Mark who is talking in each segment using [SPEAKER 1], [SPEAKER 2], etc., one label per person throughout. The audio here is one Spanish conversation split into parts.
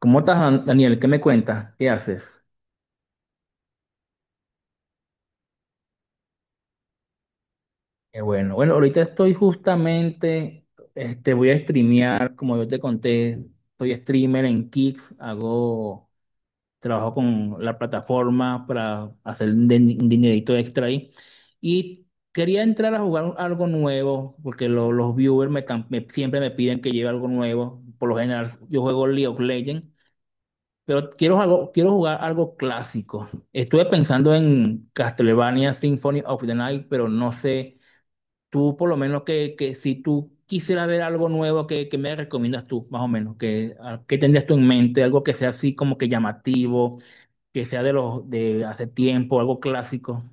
[SPEAKER 1] ¿Cómo estás, Daniel? ¿Qué me cuentas? ¿Qué haces? Qué bueno. Bueno, ahorita estoy justamente, voy a streamear, como yo te conté, soy streamer en Kicks, trabajo con la plataforma para hacer un dinerito extra ahí. Y quería entrar a jugar algo nuevo, porque los viewers siempre me piden que lleve algo nuevo. Por lo general, yo juego League of Legends. Pero quiero jugar algo clásico. Estuve pensando en Castlevania Symphony of the Night, pero no sé, tú por lo menos que si tú quisieras ver algo nuevo, ¿qué me recomiendas tú, más o menos? ¿Qué tendrías tú en mente? Algo que sea así como que llamativo, que sea de los de hace tiempo, algo clásico.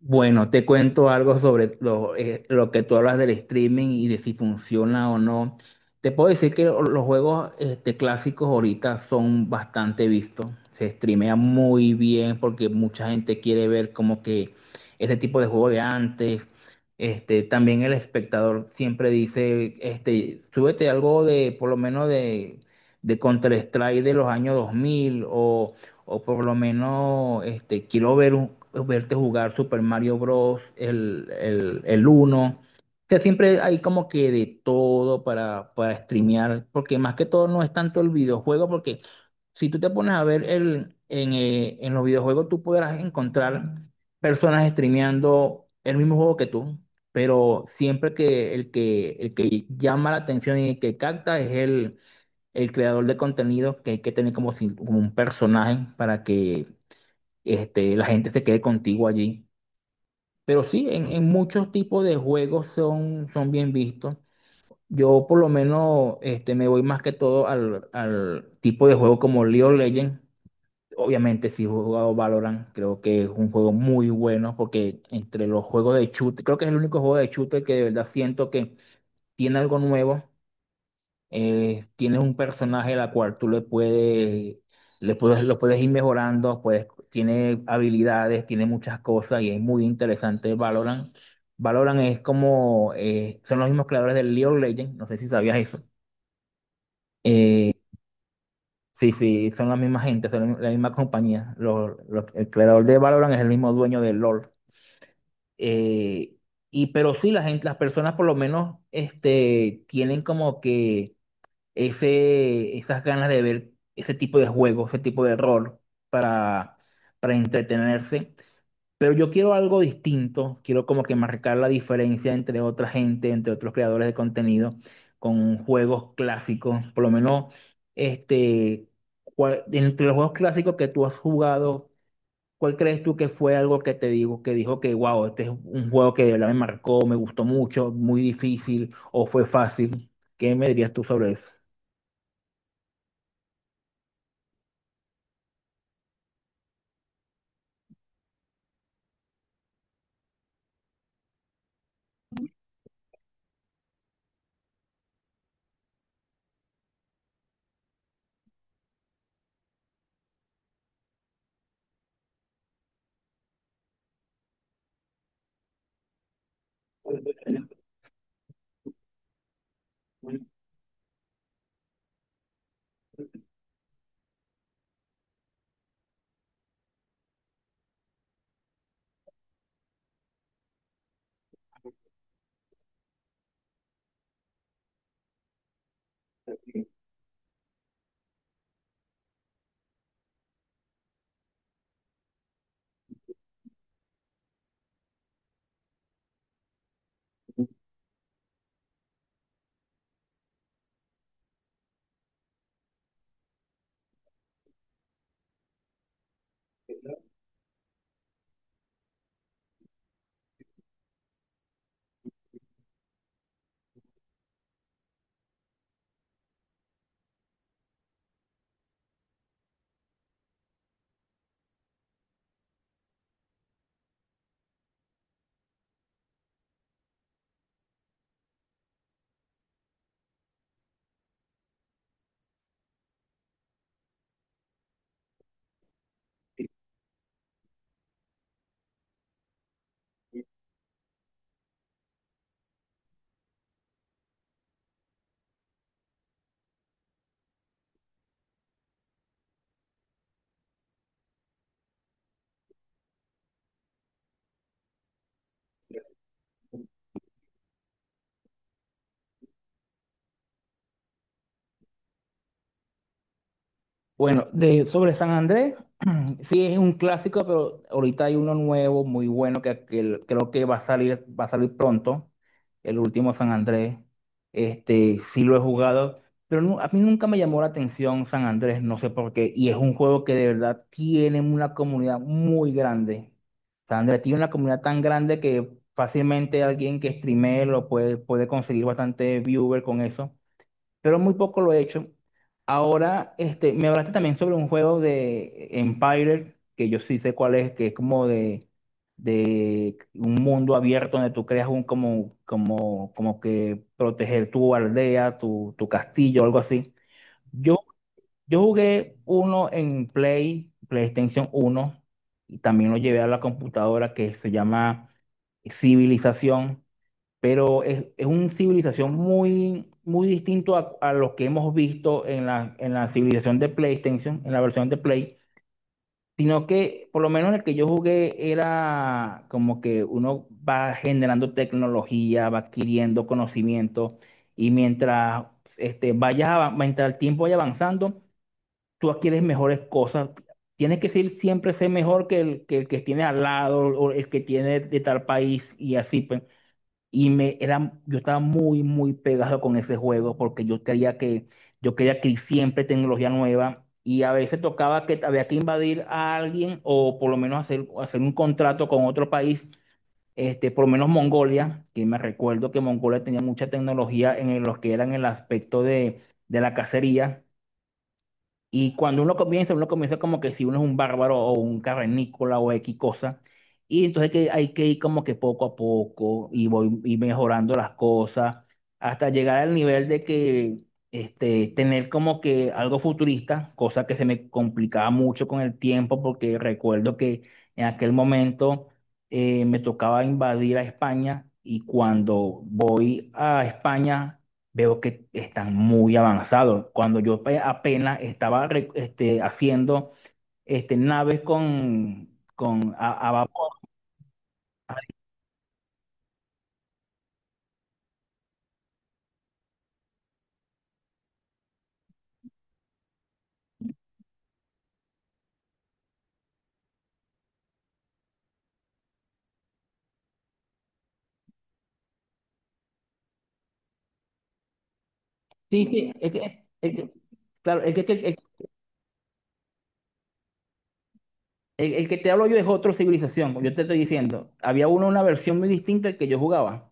[SPEAKER 1] Bueno, te cuento algo sobre lo que tú hablas del streaming y de si funciona o no. Te puedo decir que los juegos clásicos ahorita son bastante vistos. Se streamea muy bien porque mucha gente quiere ver como que ese tipo de juego de antes. También el espectador siempre dice, súbete algo de, por lo menos de Counter-Strike de los años 2000 o... O por lo menos quiero ver verte jugar Super Mario Bros. el uno. O sea, siempre hay como que de todo para streamear, porque más que todo no es tanto el videojuego, porque si tú te pones a ver en los videojuegos, tú podrás encontrar personas streameando el mismo juego que tú, pero siempre que el que llama la atención y el que capta es el creador de contenido, que hay que tener como, como un personaje para que la gente se quede contigo allí. Pero sí, en muchos tipos de juegos son, bien vistos. Yo por lo menos me voy más que todo al tipo de juego como League of Legends. Obviamente sí he jugado Valorant, creo que es un juego muy bueno porque entre los juegos de shooter, creo que es el único juego de shooter que de verdad siento que tiene algo nuevo. Tienes un personaje la cual tú le puedes, lo puedes ir mejorando, puedes, tiene habilidades, tiene muchas cosas y es muy interesante Valorant. Valorant es como, son los mismos creadores del League of Legends, no sé si sabías eso. Eh, sí, sí, son la misma gente, son la misma compañía. El creador de Valorant es el mismo dueño de LoL. Eh, y pero sí, la gente, las personas por lo menos tienen como que esas ganas de ver ese tipo de juego, ese tipo de rol para, para entretenerse. Pero yo quiero algo distinto, quiero como que marcar la diferencia entre otra gente, entre otros creadores de contenido, con juegos clásicos, por lo menos este, entre los juegos clásicos que tú has jugado, ¿cuál crees tú que fue algo que que dijo que wow, este es un juego que de verdad me marcó, me gustó mucho, muy difícil o fue fácil? ¿Qué me dirías tú sobre eso? Bueno, sobre San Andrés, sí es un clásico, pero ahorita hay uno nuevo, muy bueno, creo que va a salir pronto, el último San Andrés. Este, sí lo he jugado, pero a mí nunca me llamó la atención San Andrés, no sé por qué, y es un juego que de verdad tiene una comunidad muy grande. San Andrés tiene una comunidad tan grande que fácilmente alguien que streamee lo puede, puede conseguir bastante viewer con eso, pero muy poco lo he hecho. Ahora, me hablaste también sobre un juego de Empire, que yo sí sé cuál es, que es como de, un mundo abierto donde tú creas un como que proteger tu aldea, tu castillo, algo así. Yo, yo jugué uno en Play, PlayStation uno, y también lo llevé a la computadora, que se llama Civilización, pero es una civilización muy, muy distinto a, lo que hemos visto en la civilización de PlayStation, en la versión de Play, sino que por lo menos en el que yo jugué era como que uno va generando tecnología, va adquiriendo conocimiento y mientras, mientras el tiempo vaya avanzando, tú adquieres mejores cosas. Tienes que ser, siempre ser mejor que el que tienes al lado o el que tiene de tal país y así, pues. Y me era, yo estaba muy, muy pegado con ese juego porque yo quería que siempre tecnología nueva, y a veces tocaba que había que invadir a alguien o por lo menos hacer, un contrato con otro país, por lo menos Mongolia, que me recuerdo que Mongolia tenía mucha tecnología en lo que era en el aspecto de la cacería, y cuando uno comienza como que si uno es un bárbaro o un cavernícola o X cosa. Y entonces hay que ir como que poco a poco y voy y mejorando las cosas hasta llegar al nivel de que tener como que algo futurista, cosa que se me complicaba mucho con el tiempo porque recuerdo que en aquel momento me tocaba invadir a España, y cuando voy a España veo que están muy avanzados. Cuando apenas estaba haciendo naves con a vapor. Sí, sí, claro, el que te hablo yo es otra civilización, como yo te estoy diciendo. Había una versión muy distinta que yo jugaba.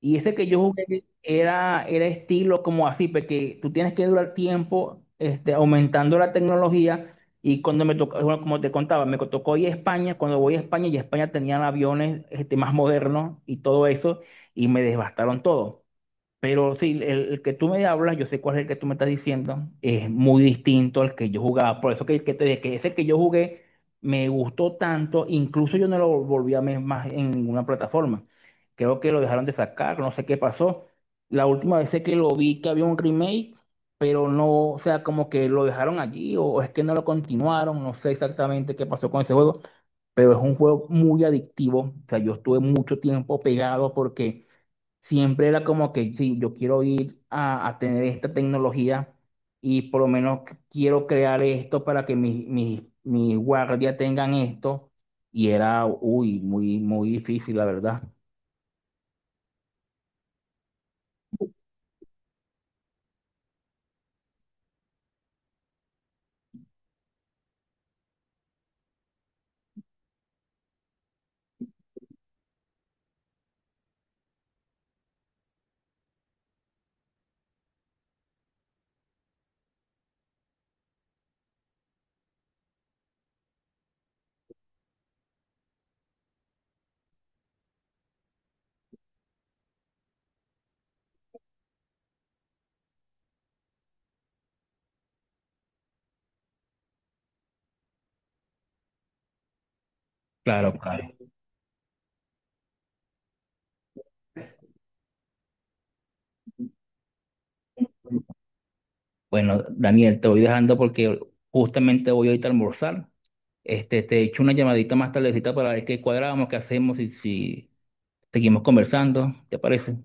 [SPEAKER 1] Y ese que yo jugué era estilo como así, porque tú tienes que durar tiempo aumentando la tecnología. Y cuando me tocó, bueno, como te contaba, me tocó ir a España. Cuando voy a España, y España tenían aviones más modernos y todo eso, y me devastaron todo. Pero sí, el que tú me hablas, yo sé cuál es el que tú me estás diciendo, es muy distinto al que yo jugaba. Por eso que, te dije que ese que yo jugué me gustó tanto, incluso yo no lo volví a ver más en ninguna plataforma. Creo que lo dejaron de sacar, no sé qué pasó. La última vez sé que lo vi que había un remake, pero no, o sea, como que lo dejaron allí, o, es que no lo continuaron, no sé exactamente qué pasó con ese juego, pero es un juego muy adictivo. O sea, yo estuve mucho tiempo pegado porque siempre era como que, sí, yo quiero ir a, tener esta tecnología y por lo menos quiero crear esto para que mis guardias tengan esto. Y era, uy, muy, muy difícil, la verdad. Claro, claro. Bueno, Daniel, te voy dejando porque justamente voy ahorita a almorzar. Este, te echo una llamadita más tardecita para ver qué cuadramos, qué hacemos y si seguimos conversando, ¿te parece?